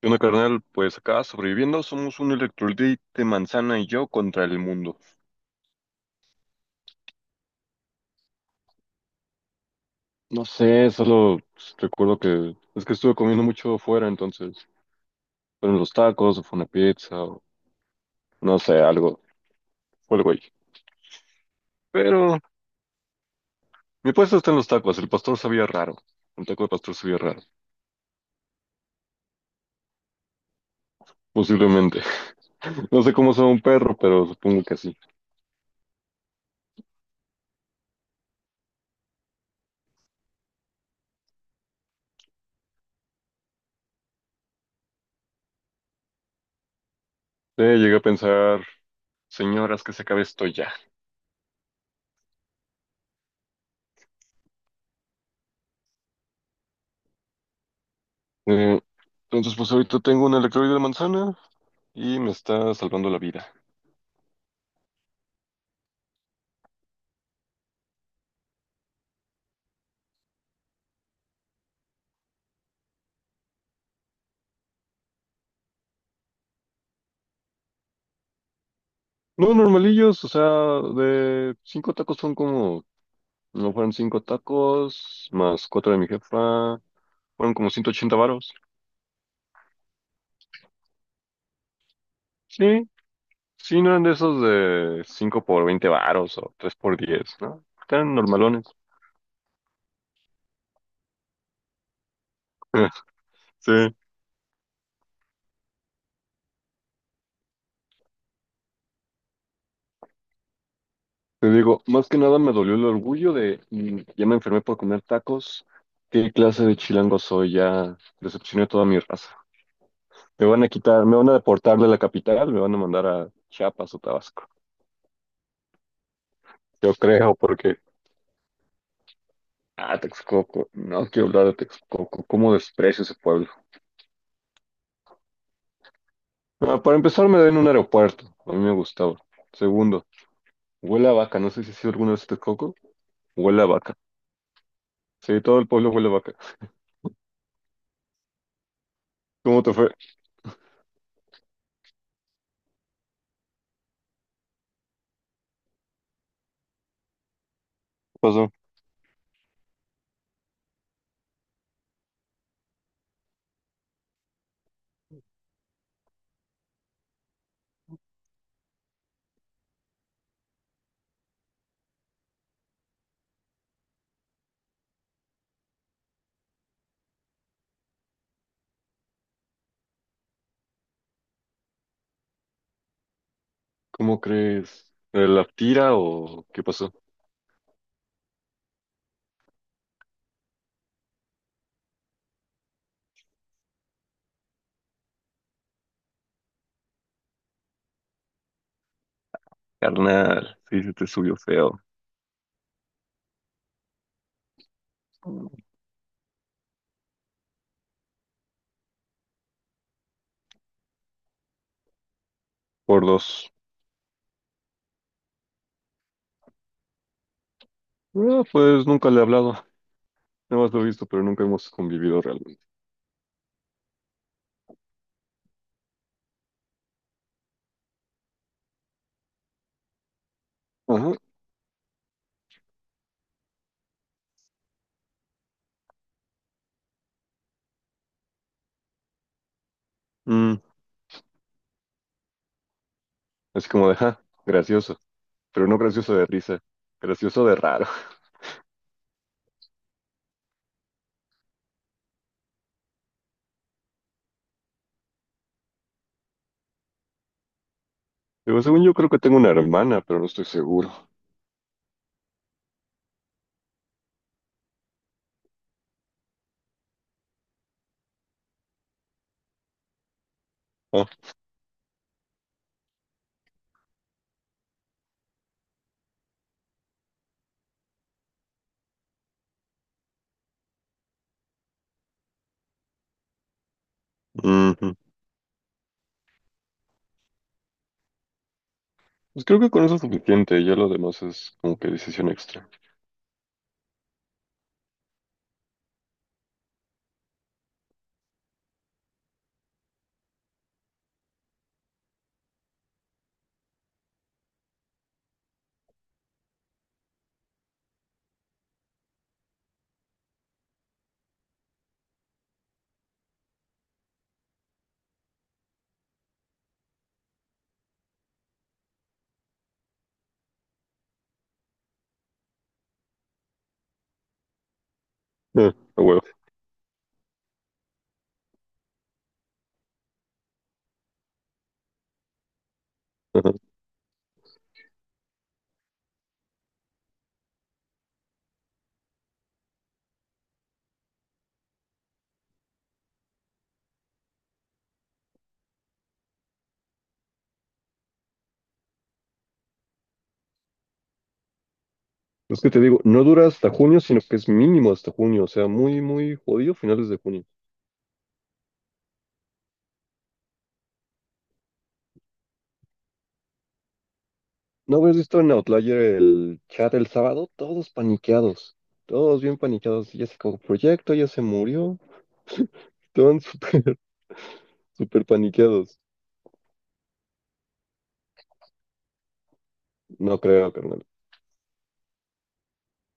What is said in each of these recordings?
¿Qué onda, carnal? Pues acá sobreviviendo, somos un electrolit manzana y yo contra el mundo. No sé, solo pues, recuerdo que es que estuve comiendo mucho fuera, entonces fueron los tacos, o fue una pizza, o no sé, algo, fue el güey. Pero mi puesto está en los tacos, el pastor sabía raro, un taco de pastor sabía raro, posiblemente. No sé cómo sabe un perro, pero supongo que sí. Llegué a pensar, señoras, que se acabe esto ya. Eh, entonces, pues ahorita tengo un electrolit de manzana y me está salvando la vida. No, normalillos, o sea, de cinco tacos son como, no fueron cinco tacos, más cuatro de mi jefa, fueron como 180 varos. Sí, sí, no eran de esos de cinco por 20 varos o tres por 10, ¿no? Eran normalones. Sí, te digo, más que nada me dolió el orgullo de, ya me enfermé por comer tacos, ¿qué clase de chilango soy? Ya decepcioné a toda mi raza. Me van a quitar, me van a deportar de la capital, me van a mandar a Chiapas o Tabasco. Yo creo, porque. Ah, Texcoco. No quiero hablar de Texcoco. ¿Cómo desprecio ese pueblo? Ah, para empezar, me den un aeropuerto. A mí me gustaba. Segundo, huele a vaca. No sé si has sido alguna vez a Texcoco. Huele a vaca. Sí, todo el pueblo huele a vaca. ¿Cómo te fue? ¿Qué pasó? ¿Cómo crees? ¿Eh, ¿la tira o qué pasó? Carnal, sí, se te subió feo. Por dos. Ah, pues nunca le he hablado. Nada más lo he visto, pero nunca hemos convivido realmente. Ajá. Mm, así como de, ja, gracioso, pero no gracioso de risa, gracioso de raro. Digo, según yo creo que tengo una hermana, pero no estoy seguro. Ah, ujú. Pues creo que con eso es suficiente, ya lo demás es como que decisión extra. Ah, a huevo. Ajá. Es que te digo, no dura hasta junio, sino que es mínimo hasta junio, o sea, muy, muy jodido finales de junio. ¿No habías visto en Outlier el chat el sábado? Todos paniqueados, todos bien paniqueados, ya se acabó el proyecto, ya se murió, estaban súper, súper paniqueados. No creo, carnal.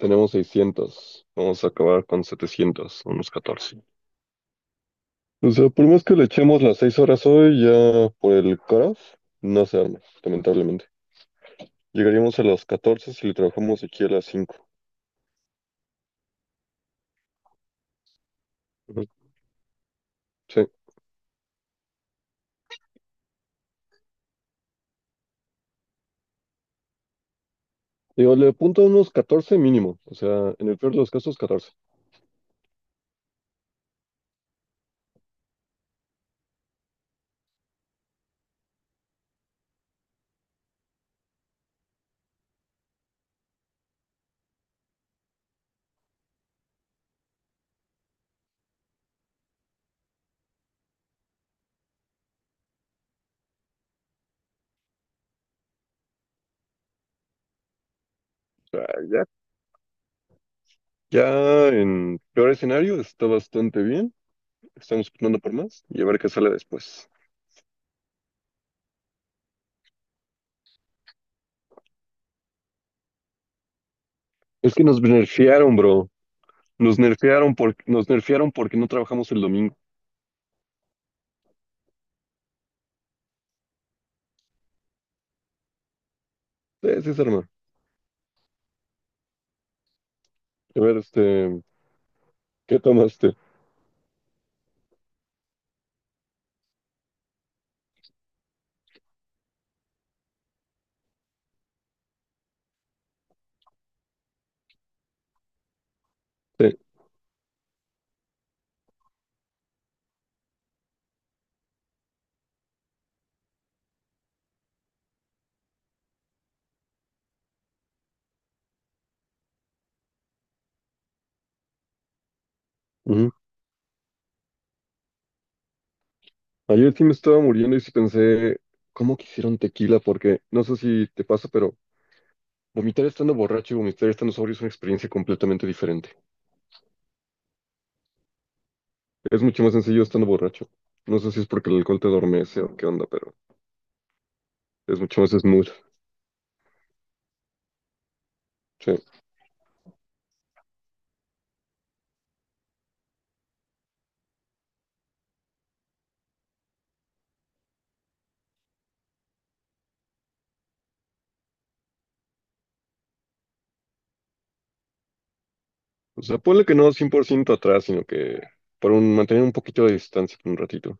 Tenemos 600. Vamos a acabar con 700, unos 14. O sea, por más que le echemos las 6 horas hoy, ya por el cutoff, no se arma, lamentablemente. Llegaríamos a las 14 si le trabajamos aquí a las 5. Ujú. Sí. Digo, le apunto a unos 14 mínimo. O sea, en el peor de los casos, 14. O sea, ya, ya en peor escenario está bastante bien. Estamos apuntando por más y a ver qué sale después. Es que nos nerfearon, bro. Nos nerfearon porque no trabajamos el domingo. Sí, sí, se arma. A ver, este, ¿qué tomaste? Sí. Ujú. Ayer sí me estaba muriendo y sí pensé, ¿cómo quisieron tequila? Porque no sé si te pasa, pero vomitar estando borracho y vomitar estando sobrio es una experiencia completamente diferente. Es mucho más sencillo estando borracho. No sé si es porque el alcohol te adormece o qué onda, pero es mucho más smooth. Sí. O sea, ponle que no 100% atrás, sino que mantener un poquito de distancia por un ratito.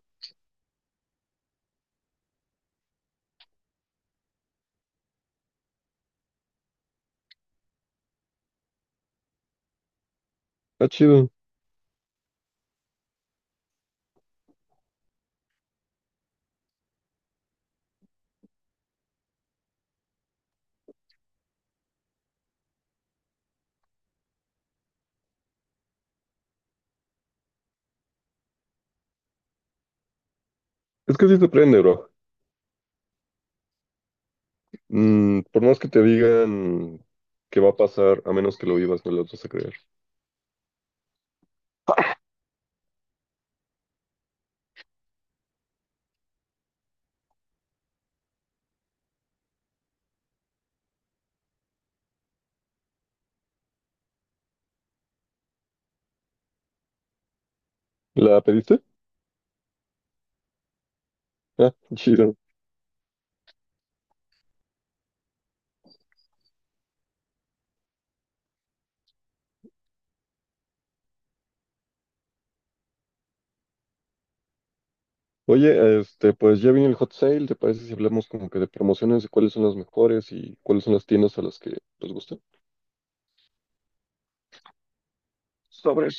Está chido. Es que sí te prende, bro. Por más que te digan que va a pasar, a menos que lo vivas, no lo vas a creer. ¿La pediste? Ah, chido. Oye, este, pues ya viene el hot sale, ¿te parece si hablamos como que de promociones, de cuáles son las mejores y cuáles son las tiendas a las que les gusta? Sobre.